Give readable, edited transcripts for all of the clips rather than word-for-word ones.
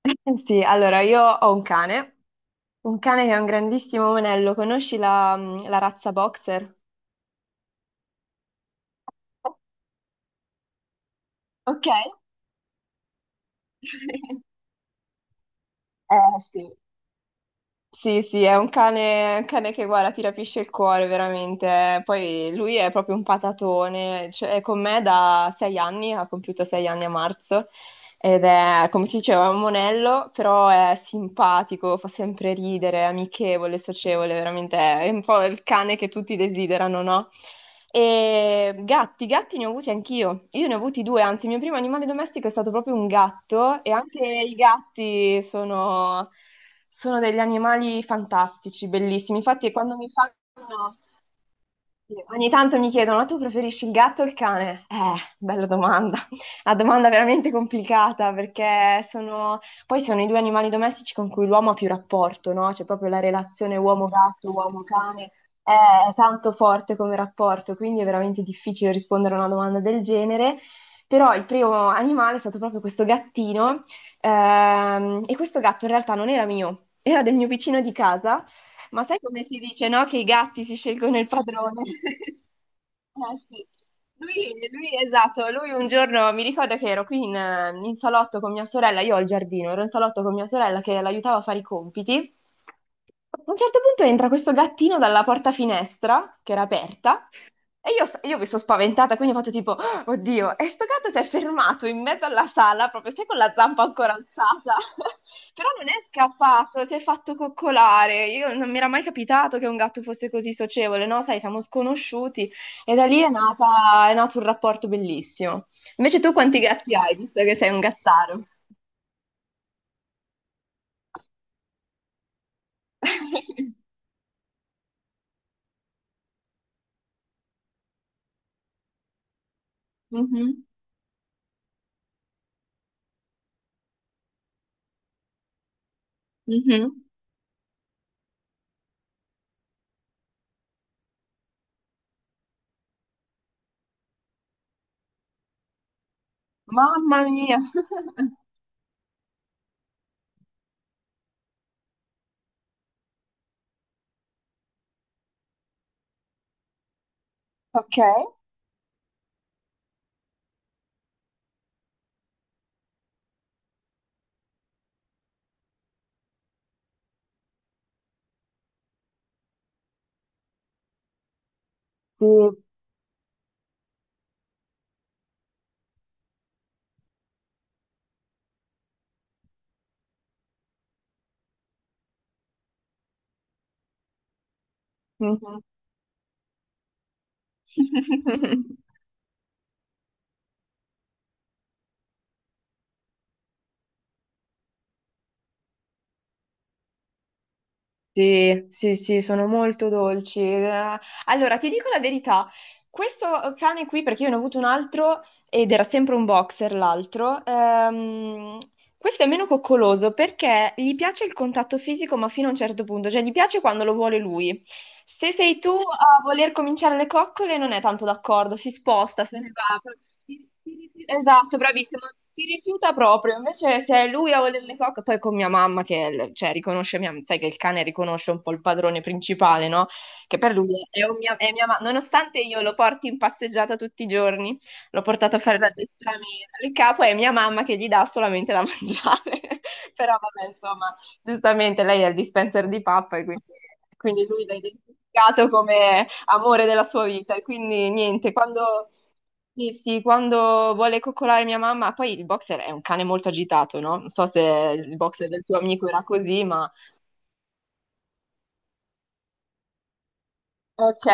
Eh sì, allora io ho un cane che è un grandissimo monello. Conosci la razza boxer? Ok. Eh sì, sì, sì, è un cane che guarda, ti rapisce il cuore veramente. Poi lui è proprio un patatone, cioè, è con me da 6 anni, ha compiuto 6 anni a marzo ed è, come ti dicevo, è un monello, però è simpatico, fa sempre ridere, è amichevole, socievole, veramente è un po' il cane che tutti desiderano, no? E gatti, gatti ne ho avuti anch'io. Io ne ho avuti due, anzi, il mio primo animale domestico è stato proprio un gatto e anche i gatti sono degli animali fantastici, bellissimi. Infatti, quando mi fanno, sì, ogni tanto mi chiedono, ma tu preferisci il gatto o il cane? Bella domanda. Una domanda veramente complicata perché sono poi sono i due animali domestici con cui l'uomo ha più rapporto, no? C'è proprio la relazione uomo-gatto, uomo-cane, è tanto forte come rapporto, quindi è veramente difficile rispondere a una domanda del genere. Però il primo animale è stato proprio questo gattino, e questo gatto in realtà non era mio, era del mio vicino di casa, ma sai come si dice, no? Che i gatti si scelgono il padrone. Eh sì. Esatto, lui un giorno mi ricordo che ero in salotto con mia sorella, io ho il giardino, ero in salotto con mia sorella che l'aiutava a fare i compiti. A un certo punto entra questo gattino dalla porta finestra, che era aperta, e io mi sono spaventata, quindi ho fatto tipo, oddio, e sto gatto si è fermato in mezzo alla sala, proprio sai con la zampa ancora alzata, però non è scappato, si è fatto coccolare. Io non mi era mai capitato che un gatto fosse così socievole, no? Sai, siamo sconosciuti e da lì è nato un rapporto bellissimo. Invece tu quanti gatti hai, visto che sei un gattaro? Mhm, mhm. Mamma mia. Ok. Sì. Mhm. Sì, sì, sì, sono molto dolci. Allora, ti dico la verità, questo cane qui, perché io ne ho avuto un altro ed era sempre un boxer l'altro, questo è meno coccoloso perché gli piace il contatto fisico, ma fino a un certo punto, cioè gli piace quando lo vuole lui. Se sei tu a voler cominciare le coccole, non è tanto d'accordo, si sposta, se ne va. Esatto, bravissimo, ti rifiuta proprio. Invece se è lui a voler le coccole, poi con mia mamma cioè, riconosce, sai che il cane riconosce un po' il padrone principale, no? Che per lui è, è mia mamma, nonostante io lo porti in passeggiata tutti i giorni. L'ho portato a fare l'addestramento. Il capo è mia mamma che gli dà solamente da mangiare. Però vabbè, insomma, giustamente lei è il dispenser di pappa e quindi, quindi lui l'ha identificato come amore della sua vita. E quindi niente, quando, sì, sì, quando vuole coccolare mia mamma, poi il boxer è un cane molto agitato, no? Non so se il boxer del tuo amico era così, ma ok.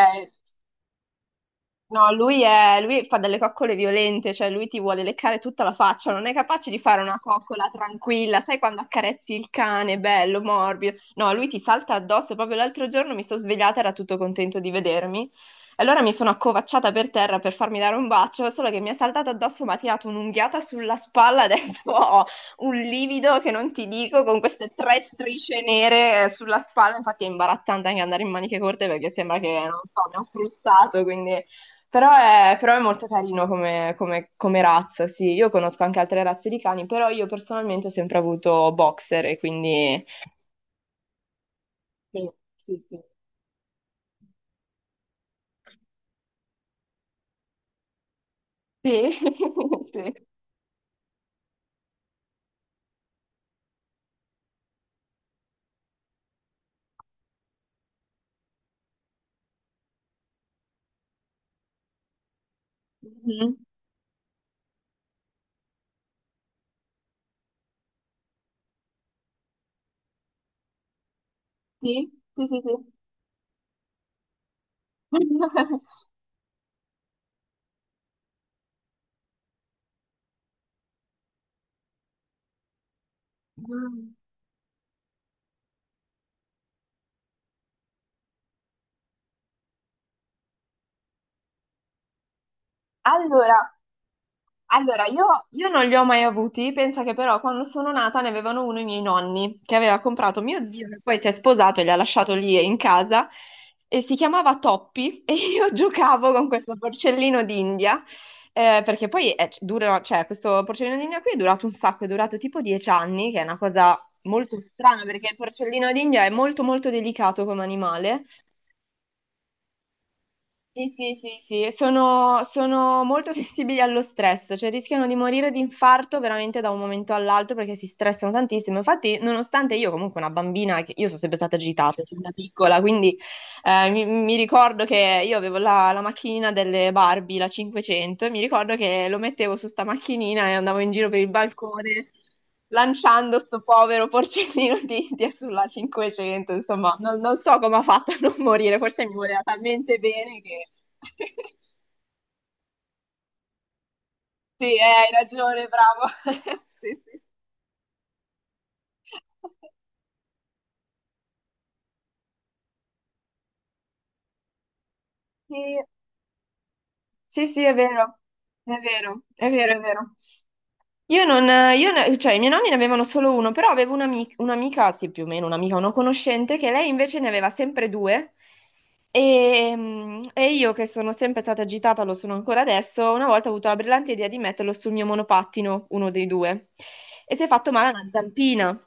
No, lui fa delle coccole violente, cioè lui ti vuole leccare tutta la faccia, non è capace di fare una coccola tranquilla, sai quando accarezzi il cane, bello, morbido. No, lui ti salta addosso, proprio l'altro giorno mi sono svegliata, era tutto contento di vedermi. Allora mi sono accovacciata per terra per farmi dare un bacio, solo che mi ha saltato addosso, mi ha tirato un'unghiata sulla spalla, adesso ho un livido che non ti dico, con queste tre strisce nere sulla spalla, infatti è imbarazzante anche andare in maniche corte perché sembra che, non so, mi ha frustato, quindi però è, però è molto carino come razza, sì. Io conosco anche altre razze di cani, però io personalmente ho sempre avuto boxer e quindi sì, sì, sì. Sì, sì. Mhm. Sì, sì, sì, sì. Allora, allora, io non li ho mai avuti, pensa che però quando sono nata ne avevano uno i miei nonni, che aveva comprato mio zio, che poi si è sposato e li ha lasciato lì in casa, e si chiamava Toppi, e io giocavo con questo porcellino d'India, perché poi è, dura, cioè, questo porcellino d'India qui è durato un sacco, è durato tipo 10 anni, che è una cosa molto strana, perché il porcellino d'India è molto molto delicato come animale, sì, sì, sì, sì, e sono molto sensibili allo stress, cioè rischiano di morire di infarto veramente da un momento all'altro perché si stressano tantissimo. Infatti, nonostante io comunque una bambina, io sono sempre stata agitata fin da piccola, quindi mi ricordo che io avevo la macchinina delle Barbie, la 500, e mi ricordo che lo mettevo su sta macchinina e andavo in giro per il balcone lanciando sto povero porcellino di India sulla 500, insomma, non so come ha fatto a non morire, forse mi voleva talmente bene che sì, hai ragione, bravo. Sì, sì. Sì, sì, sì, è vero, è vero, è vero, è vero. Io non, cioè, i miei nonni ne avevano solo uno, però avevo un'amica, sì, più o meno un'amica, una conoscente, che lei invece ne aveva sempre due. E, mm, e io, che sono sempre stata agitata, lo sono ancora adesso, una volta ho avuto la brillante idea di metterlo sul mio monopattino, uno dei due, e si è fatto male a una zampina.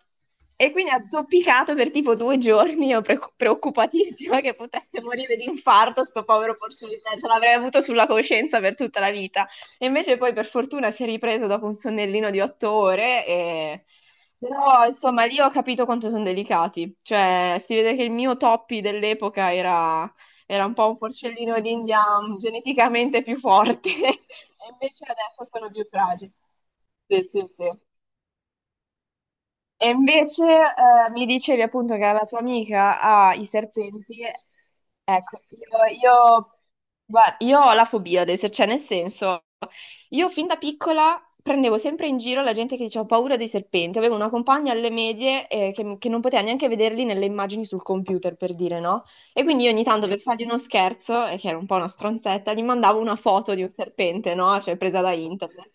E quindi ha zoppicato per tipo 2 giorni, io preoccupatissima che potesse morire di infarto, sto povero porcino, cioè, ce l'avrei avuto sulla coscienza per tutta la vita. E invece poi per fortuna si è ripreso dopo un sonnellino di 8 ore e però insomma lì ho capito quanto sono delicati, cioè si vede che il mio Toppi dell'epoca era, era un po' un porcellino d'India mm, geneticamente più forte e invece adesso sono più fragili. Sì, sì, sì. E invece mi dicevi appunto che la tua amica ha i serpenti. Ecco, guarda, io ho la fobia adesso, cioè nel senso, io fin da piccola prendevo sempre in giro la gente che diceva ho paura dei serpenti. Avevo una compagna alle medie che non poteva neanche vederli nelle immagini sul computer, per dire, no? E quindi io ogni tanto per fargli uno scherzo, e che era un po' una stronzetta, gli mandavo una foto di un serpente, no? Cioè presa da internet.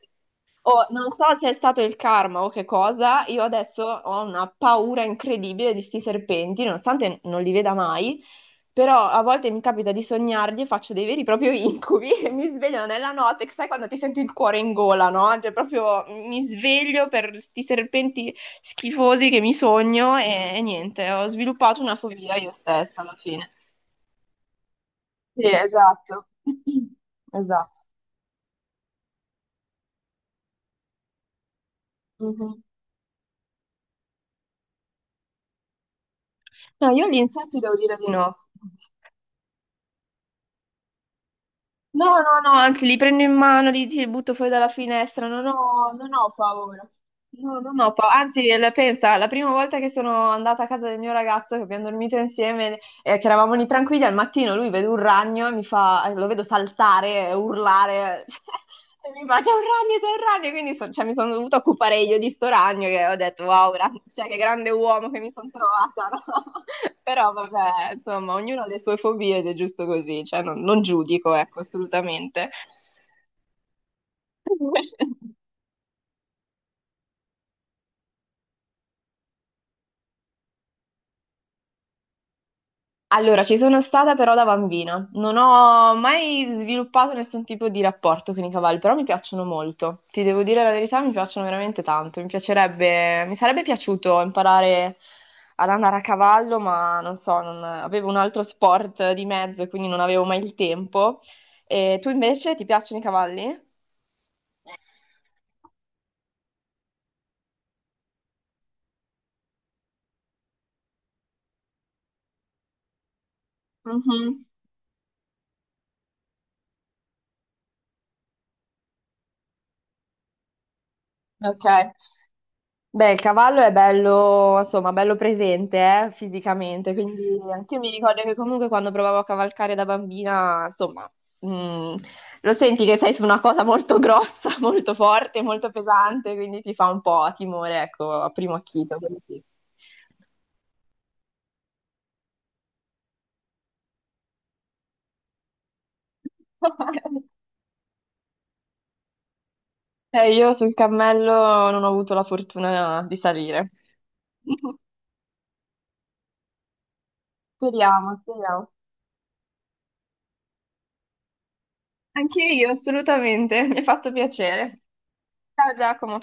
Oh, non so se è stato il karma o che cosa, io adesso ho una paura incredibile di sti serpenti, nonostante non li veda mai, però a volte mi capita di sognarli e faccio dei veri e propri incubi e mi sveglio nella notte, sai quando ti senti il cuore in gola, no? Cioè proprio mi sveglio per sti serpenti schifosi che mi sogno e niente, ho sviluppato una fobia io stessa alla fine. Sì, esatto. Esatto. Mhm. No, io gli insetti devo dire di no. No, no, no, anzi, li prendo in mano, li butto fuori dalla finestra, non ho paura. No, non ho paura. Anzi, pensa, la prima volta che sono andata a casa del mio ragazzo, che abbiamo dormito insieme, che eravamo lì tranquilli, al mattino lui vede un ragno e mi fa, lo vedo saltare, urlare, e mi fa c'è un ragno, quindi cioè, mi sono dovuta occupare io di sto ragno che ho detto wow, cioè, che grande uomo che mi sono trovata, no? Però vabbè, insomma, ognuno ha le sue fobie ed è giusto così, cioè non giudico, ecco, assolutamente. Allora, ci sono stata però da bambina. Non ho mai sviluppato nessun tipo di rapporto con i cavalli, però mi piacciono molto. Ti devo dire la verità, mi piacciono veramente tanto. Mi piacerebbe, mi sarebbe piaciuto imparare ad andare a cavallo, ma non so, avevo un altro sport di mezzo, quindi non avevo mai il tempo. E tu invece ti piacciono i cavalli? Mhm. Ok. Beh, il cavallo è bello, insomma, bello presente, fisicamente, quindi anche io mi ricordo che comunque quando provavo a cavalcare da bambina, insomma, mm, lo senti che sei su una cosa molto grossa, molto forte, molto pesante, quindi ti fa un po' timore, ecco, a primo acchito, quello sì. Io sul cammello non ho avuto la fortuna di salire. Speriamo, speriamo. Anche io, assolutamente, mi ha fatto piacere. Ciao Giacomo.